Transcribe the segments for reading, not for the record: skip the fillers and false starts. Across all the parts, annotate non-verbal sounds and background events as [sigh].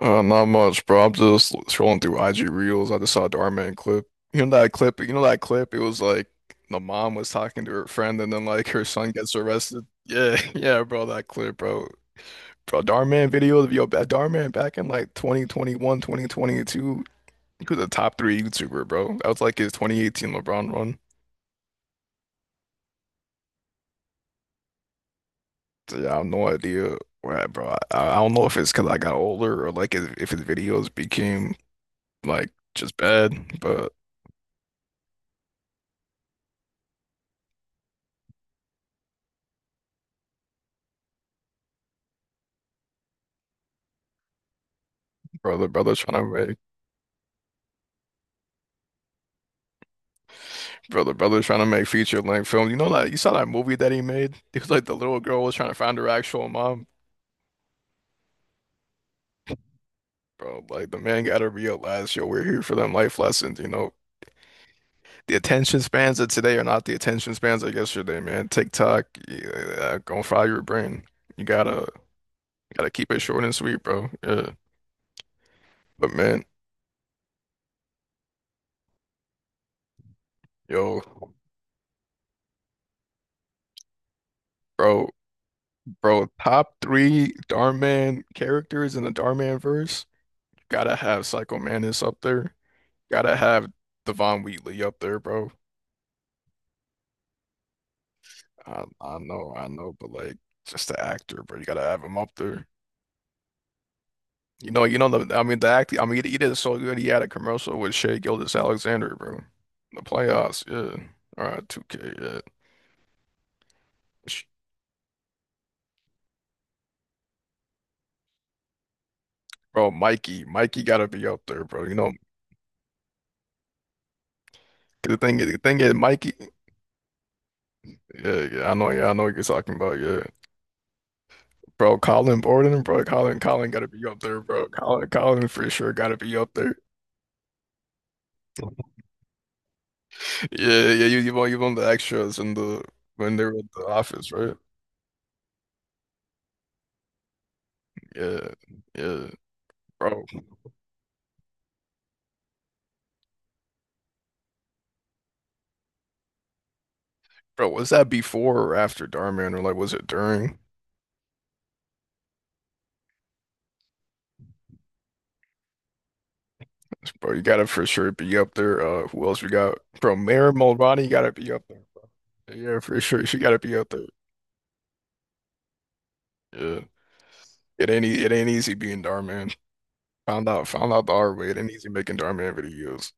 Not much, bro. I'm just scrolling through IG Reels. I just saw a Darman clip. You know that clip? You know that clip? It was like the mom was talking to her friend, and then like her son gets arrested. Yeah, [laughs] yeah, bro. That clip, bro. Bro, Darman video of yo, Darman back in like 2021, 2022. He was a top three YouTuber, bro. That was like his 2018 LeBron run. So, yeah, I have no idea, where, bro. I don't know if it's because I got older or like if his videos became like just bad, but brother's trying to make. Brother, the brother's trying to make feature length film. You know that you saw that movie that he made? [laughs] It was like the little girl was trying to find her actual mom. Bro, like the man gotta realize, yo, we're here for them life lessons. The attention spans of today are not the attention spans of yesterday, man. TikTok, yeah, gonna fry your brain. You gotta keep it short and sweet, bro. Yeah. But man, yo, bro, bro, top three Darman characters in the Darman verse. Gotta have Psycho Manus up there. Gotta have Devon Wheatley up there, bro. I know, I know, but like just the actor, bro. You gotta have him up there. You know, the I mean the act he did so good. He had a commercial with Shea Gilgeous-Alexander, bro. The playoffs, yeah. All right, 2K, yeah. Sh- Bro, Mikey gotta be up there, bro. You know, the thing is, Mikey. Yeah, yeah, I know what you're talking about, yeah. Bro, Colin Borden, bro, Colin gotta be up there, bro. Colin for sure gotta be up there. Yeah, yeah, you won the extras in the when they were at the office, right? Yeah, yeah, bro, bro, was that before or after Darman, or like was it during? Bro, you gotta for sure be up there. Who else we got? Bro, Maren Mulroney, you gotta be up there, bro. Yeah, for sure, she gotta be up there. Yeah, it ain't easy being Darman. Found out the hard way. It ain't easy making Darman videos.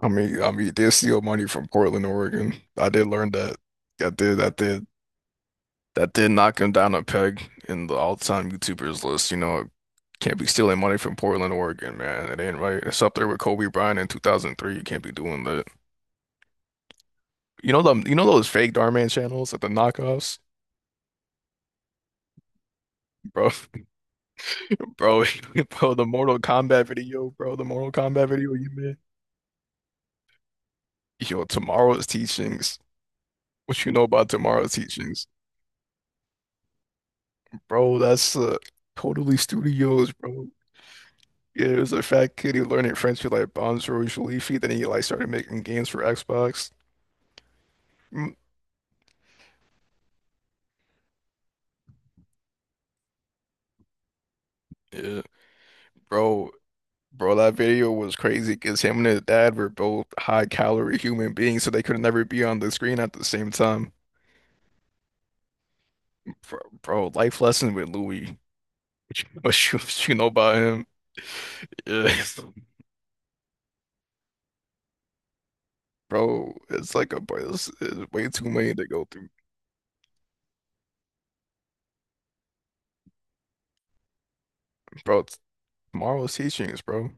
I mean, they steal money from Portland, Oregon. I did learn that. I did, I did. That did knock him down a peg in the all-time YouTubers list. You know, can't be stealing money from Portland, Oregon, man. It ain't right. It's up there with Kobe Bryant in 2003. You can't be doing that. You know them, you know those fake Darman channels at the knockoffs, bro, [laughs] bro, [laughs] bro. The Mortal Kombat video, bro. The Mortal Kombat video you made. Yo, tomorrow's teachings. What you know about tomorrow's teachings, bro? That's Totally Studios, bro. Yeah, it was a fat kid who learned in French with like Bonjour Leafy. Then he like started making games for Xbox. Mm, yeah, bro, bro, that video was crazy because him and his dad were both high calorie human beings, so they could never be on the screen at the same time. Bro, life lesson with Louis. [laughs] What you know about him? Yeah, [laughs] bro, it's like a boy. It's way too many to go through, bro. It's tomorrow's teachings, bro.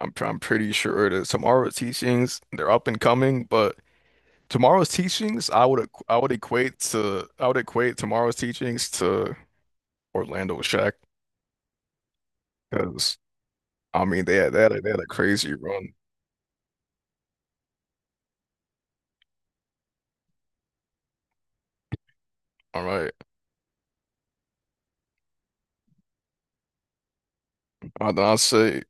I'm pretty sure that tomorrow's teachings they're up and coming, but tomorrow's teachings I would equate tomorrow's teachings to. Orlando with Shaq. Because I mean, they had a crazy run. All right, I say,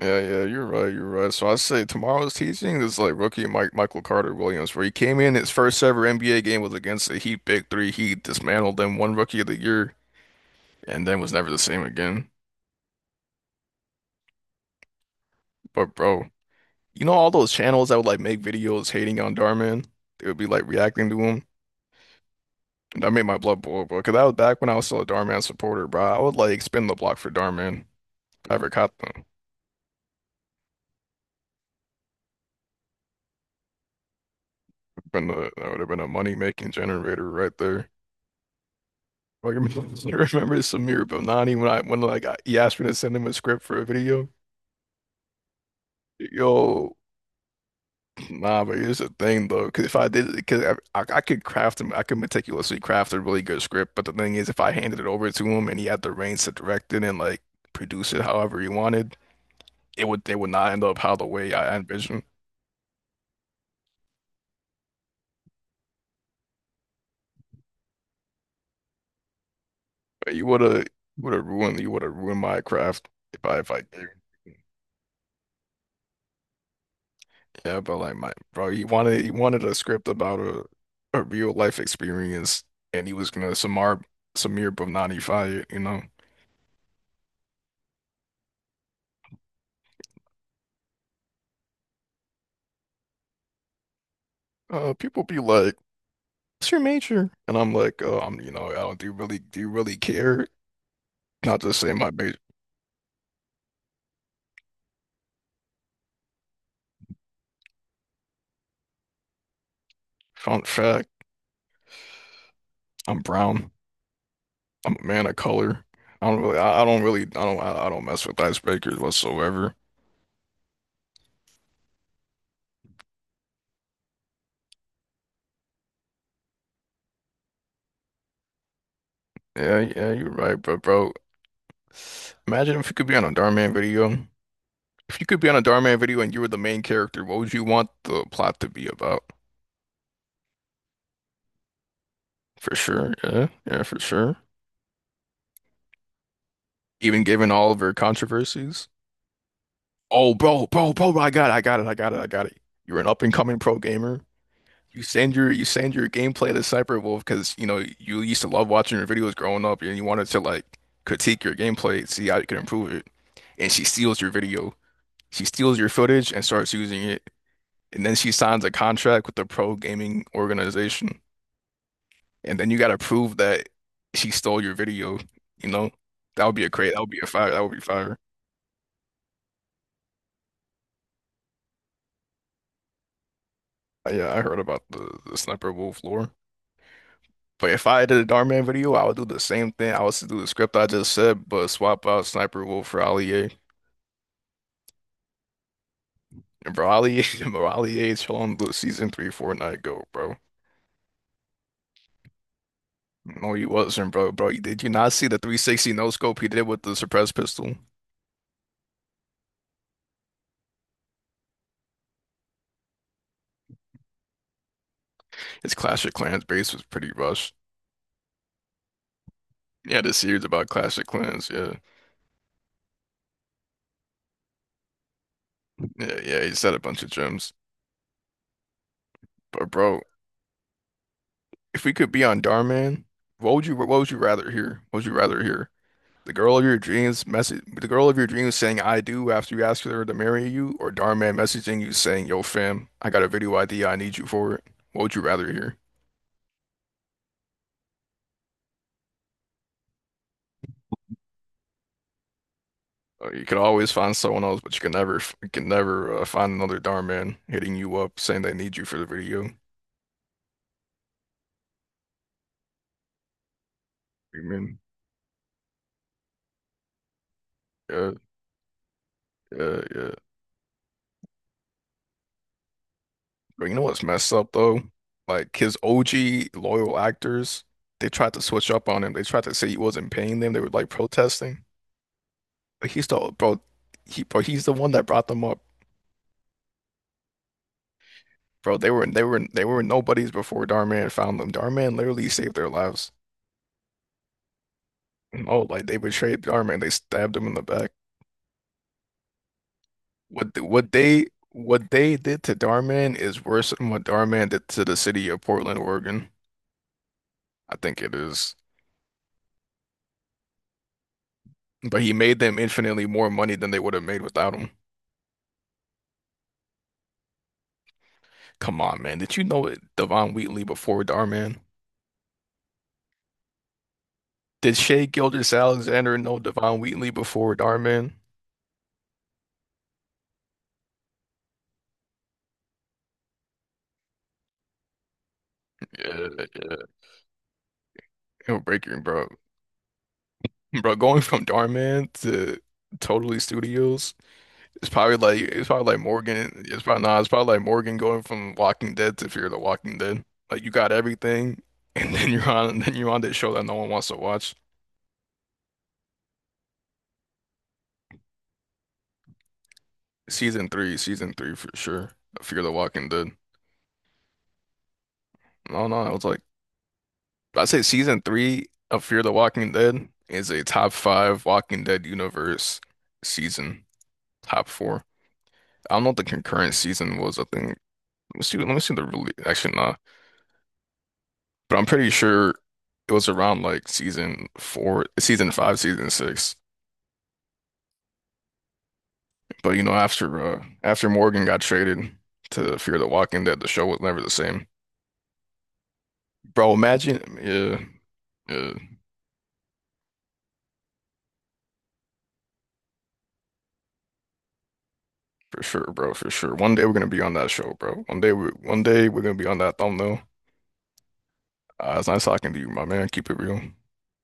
yeah, yeah, you're right, you're right. So I say tomorrow's teaching is like rookie Mike Michael Carter Williams, where he came in his first ever NBA game was against the Heat Big Three. He dismantled them, one Rookie of the Year, and then was never the same again. But bro, you know all those channels that would like make videos hating on Darman, they would be like reacting to him. And that made my blood boil, bro. Because that was back when I was still a Darman supporter, bro. I would like spin the block for Darman. I ever caught them. Been a that would have been a money making generator right there. Like, [laughs] I remember Samir Bonani when I when like I, he asked me to send him a script for a video. Yo, [clears throat] nah, but here's the thing though, because if I did, because I could craft him, I could meticulously craft a really good script. But the thing is, if I handed it over to him and he had the reins to direct it and like produce it however he wanted, it would they would not end up how the way I envisioned. But you would have ruined you would have ruined my craft if I did. Yeah, but like my bro, he wanted a script about a real life experience, and he was gonna Samar Samir Bhavnani it. People be like, "What's your major?" And I'm like, "Oh, I'm you know, I don't do you really care?" Not to say my major. Fun fact, I'm brown. I'm a man of color. I don't mess with icebreakers whatsoever. Yeah, yeah, you're right, but bro, imagine if you could be on a Darman video. If you could be on a Darman video and you were the main character, what would you want the plot to be about? For sure, yeah, yeah, for sure. Even given all of her controversies. Oh, bro, bro, bro, I got it, I got it, I got it, I got it. You're an up-and-coming pro gamer. You send your gameplay to Cyberwolf because you know you used to love watching her videos growing up, and you wanted to like critique your gameplay, see how you can improve it. And she steals your video, she steals your footage, and starts using it. And then she signs a contract with the pro gaming organization. And then you got to prove that she stole your video. You know, that would be a crate. That would be a fire. That would be fire. Yeah, I heard about the Sniper Wolf lore. But if I did a Darman video, I would do the same thing. I would still do the script I just said, but swap out Sniper Wolf for Ali A. And bro, Ali A, [laughs] bro, Ali A is on the season three Fortnite go, bro. No, he wasn't, bro. Bro, did you not see the 360 no scope he did with the suppressed pistol? His Clash of Clans base was pretty rushed. Yeah, the series about Clash of Clans. Yeah, yeah, yeah. He said a bunch of gems. But bro, if we could be on Darman, what would you rather hear? What would you rather hear? The girl of your dreams message the girl of your dreams saying I do after you ask her to marry you, or Darman messaging you saying, "Yo fam, I got a video idea, I need you for it." What would you rather hear? You could always find someone else, but you can never find another Darman hitting you up saying they need you for the video. Amen. Yeah, yeah, yeah. But you know what's messed up though? Like his OG loyal actors, they tried to switch up on him. They tried to say he wasn't paying them. They were like protesting. But he's the bro. He bro. He's the one that brought them up, bro. They were nobodies before Darman found them. Darman literally saved their lives. No, like they betrayed Darman. They stabbed him in the back. What they did to Darman is worse than what Darman did to the city of Portland, Oregon. I think it is. But he made them infinitely more money than they would have made without him. Come on, man. Did you know Devon Wheatley before Darman? Did Shea Gilgeous-Alexander know Devon Wheatley before Darman? Yeah, yeah. It'll break your bro. Bro, going from Darman to Totally Studios, it's probably like Morgan. It's probably not. It's probably like Morgan going from Walking Dead to Fear the Walking Dead. Like you got everything, and then you're on this show that no one wants to watch. Season three for sure. Fear the Walking Dead. No, no, it was like. I'd say season three of Fear the Walking Dead is a top five Walking Dead universe season, top four. I don't know what the concurrent season was. I think let me see. Let me see the release. Actually, nah. But I'm pretty sure it was around like season four, season five, season six. But you know, after Morgan got traded to Fear the Walking Dead, the show was never the same. Bro, imagine, yeah, yeah, for sure, bro, for sure. One day we're gonna be on that show, bro. One day we're gonna be on that thumbnail. It's nice talking to you, my man. Keep it real.